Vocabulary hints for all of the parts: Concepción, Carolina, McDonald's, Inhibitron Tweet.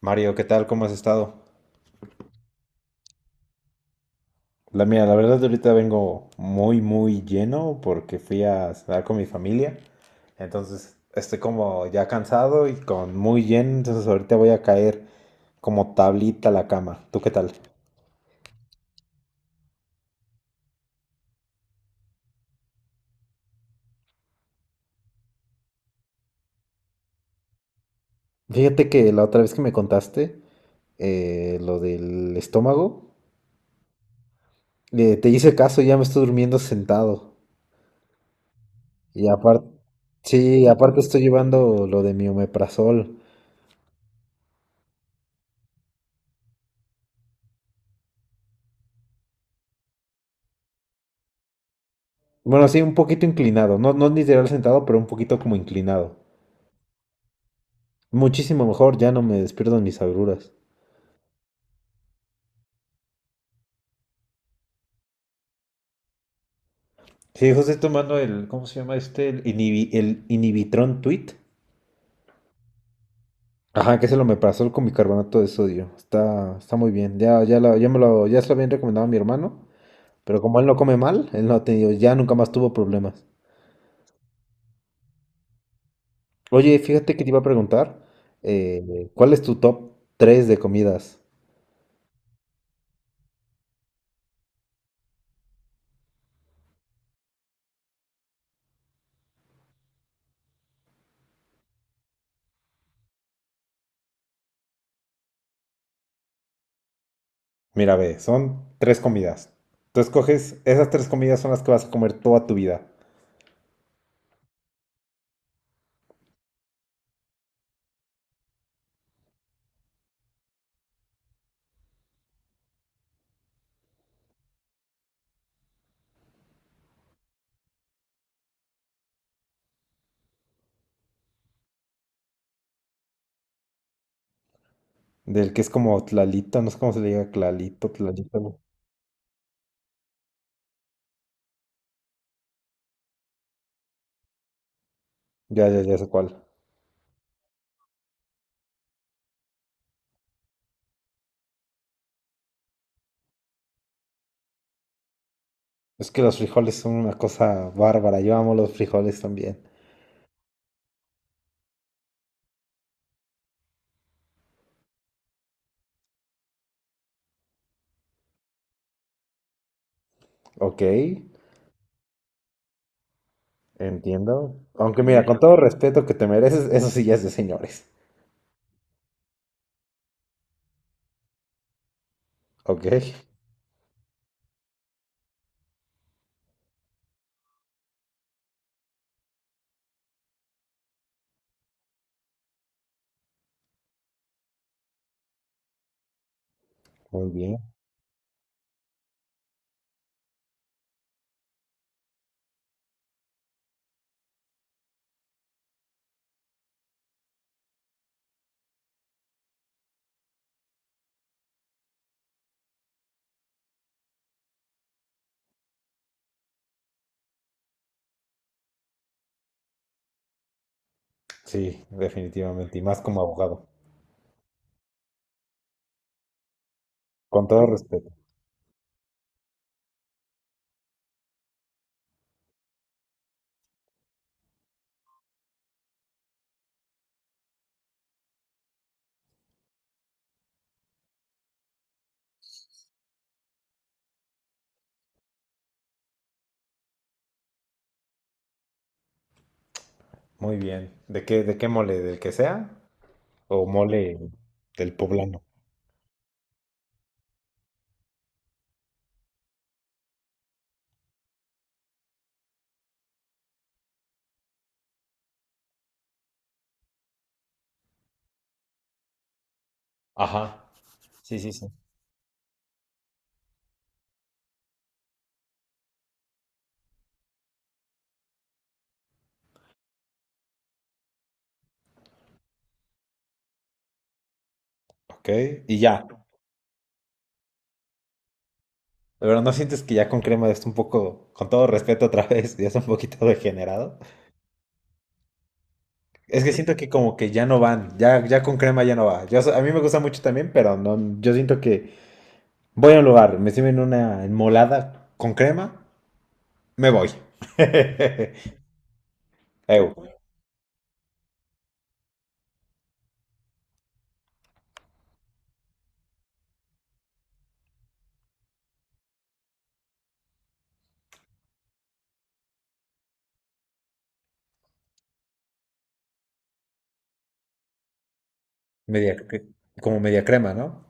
Mario, ¿qué tal? ¿Cómo has estado? La mía, la verdad ahorita vengo muy lleno porque fui a cenar con mi familia. Entonces estoy como ya cansado y con muy lleno. Entonces ahorita voy a caer como tablita a la cama. ¿Tú qué tal? Fíjate que la otra vez que me contaste lo del estómago, te hice caso, ya me estoy durmiendo sentado. Y aparte, sí, aparte estoy llevando lo de mi omeprazol. Bueno, sí, un poquito inclinado. No, no literal sentado, pero un poquito como inclinado. Muchísimo mejor, ya no me despierto en mis agruras. Sí, José tomando el, ¿cómo se llama este? El, el Inhibitron Tweet. Ajá, que se lo me pasó con bicarbonato de sodio. Está, está muy bien. Ya me lo, ya se lo habían recomendado a mi hermano. Pero como él no come mal, él no ha tenido, ya nunca más tuvo problemas. Oye, fíjate que te iba a preguntar, ¿cuál es tu top 3 de comidas? Mira, ve, son tres comidas. Tú escoges, esas tres comidas son las que vas a comer toda tu vida. Del que es como tlalito, no sé cómo se le diga, tlalito. ¿No? Ya sé cuál. Es que los frijoles son una cosa bárbara. Yo amo los frijoles también. Ok, entiendo. Aunque mira, con todo respeto que te mereces, eso sí ya es de señores. Ok, muy bien. Sí, definitivamente. Y más como abogado. Con todo respeto. Muy bien. ¿De qué mole? ¿Del que sea? ¿O mole del poblano? Ajá. Sí, sí, sí. Ok. Y ya. De verdad, ¿no sientes que ya con crema ya está un poco, con todo respeto otra vez, ya está un poquito degenerado? Es que siento que como que ya no van, ya con crema ya no va. Yo, a mí me gusta mucho también, pero no, yo siento que voy a un lugar, me sirven una enmolada con crema, me voy. Ew. media, cre- como media crema, ¿no?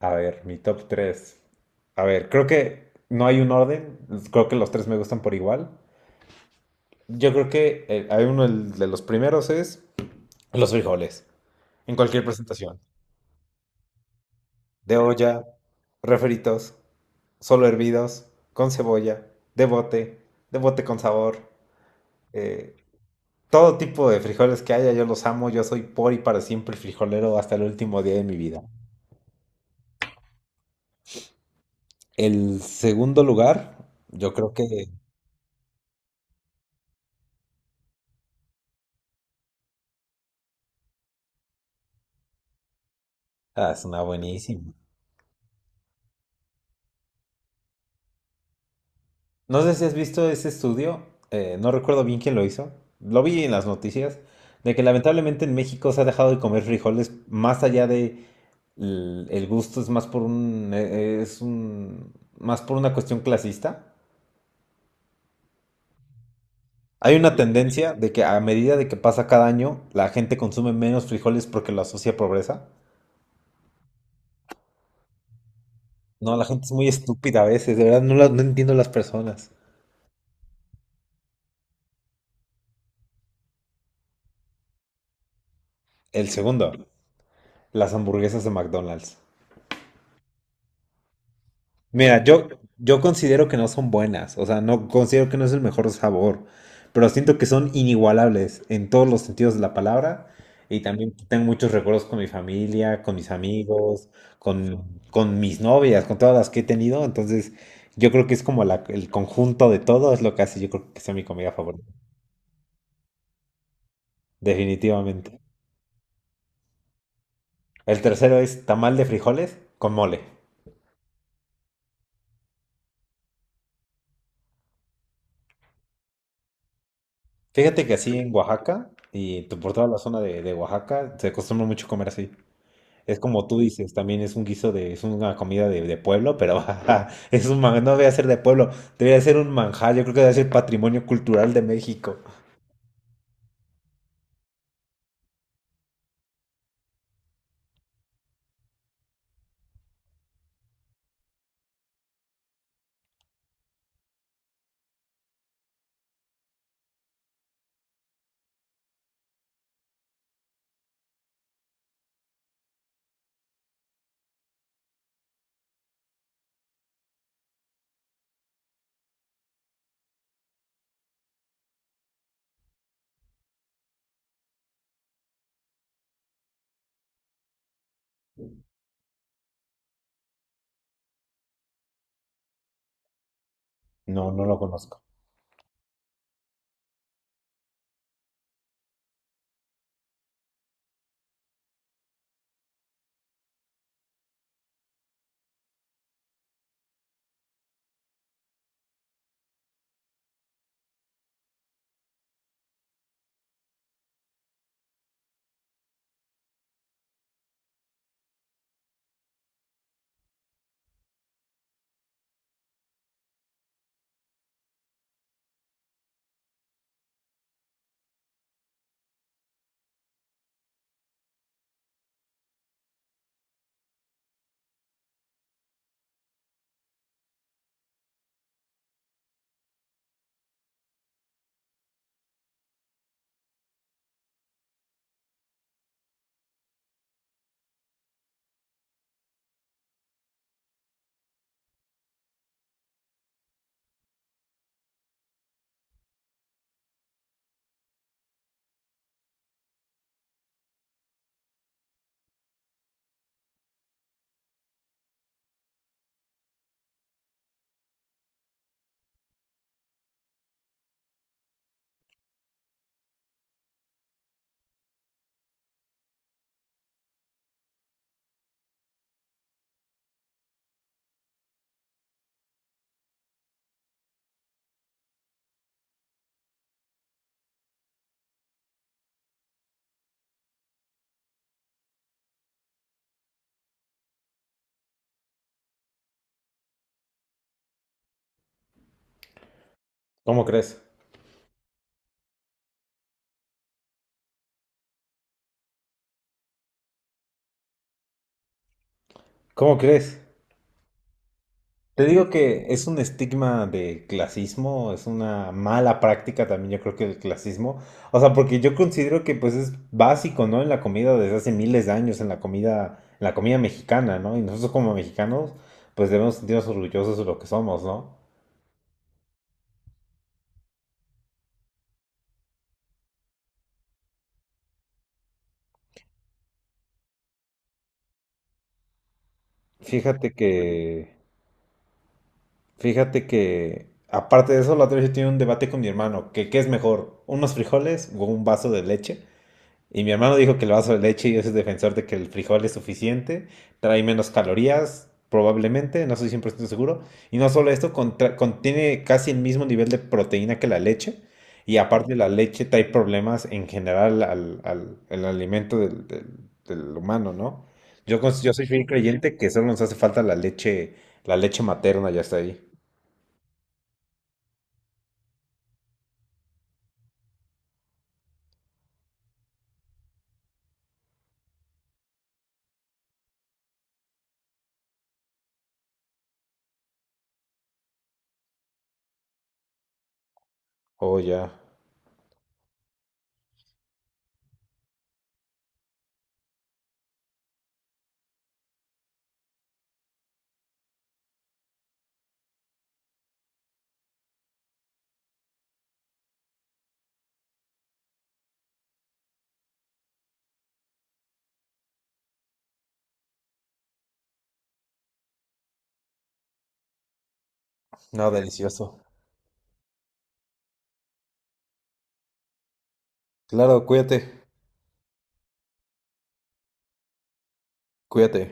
A ver, mi top 3. A ver, creo que no hay un orden, creo que los tres me gustan por igual. Yo creo que hay uno, el de los primeros es los frijoles. En cualquier presentación. De olla, refritos, solo hervidos, con cebolla, de bote, de bote con sabor. eh, Todo tipo de frijoles que haya, yo los amo. Yo soy por y para siempre frijolero hasta el último día de mi vida. El segundo lugar, yo creo que ah, es una buenísima. No sé si has visto ese estudio, no recuerdo bien quién lo hizo, lo vi en las noticias, de que lamentablemente en México se ha dejado de comer frijoles más allá de el gusto, es más por un, es un, más por una cuestión clasista. Hay una tendencia de que a medida de que pasa cada año, la gente consume menos frijoles porque lo asocia a pobreza. No, la gente es muy estúpida a veces, de verdad no, no entiendo las personas. El segundo, las hamburguesas de McDonald's. Mira, yo considero que no son buenas, o sea, no considero que no es el mejor sabor, pero siento que son inigualables en todos los sentidos de la palabra y también tengo muchos recuerdos con mi familia, con mis amigos, con mis novias, con todas las que he tenido, entonces yo creo que es como el conjunto de todo es lo que hace, yo creo que sea mi comida favorita, definitivamente. El tercero es tamal de frijoles con mole. Fíjate que así en Oaxaca y por toda la zona de Oaxaca se acostumbra mucho comer así. Es como tú dices, también es un guiso de, es una comida de pueblo, pero ajá, es un no debe ser de pueblo, debería ser un manjar, yo creo que debe ser patrimonio cultural de México. No, no lo conozco. ¿Cómo crees? ¿Cómo crees? Te digo que es un estigma de clasismo, es una mala práctica también, yo creo que el clasismo. O sea, porque yo considero que pues es básico, ¿no? En la comida desde hace miles de años, en la comida mexicana, ¿no? Y nosotros como mexicanos, pues debemos sentirnos orgullosos de lo que somos, ¿no? Fíjate que, fíjate que, aparte de eso, la otra vez yo tenía un debate con mi hermano, que qué es mejor, unos frijoles o un vaso de leche. Y mi hermano dijo que el vaso de leche y ese es defensor de que el frijol es suficiente, trae menos calorías, probablemente, no estoy 100% seguro. Y no solo esto, contiene casi el mismo nivel de proteína que la leche. Y aparte la leche trae problemas en general al alimento del humano, ¿no? Yo, yo soy fiel creyente que solo nos hace falta la leche materna, ya está ahí. Oh, ya. No, delicioso. Claro, cuídate, cuídate.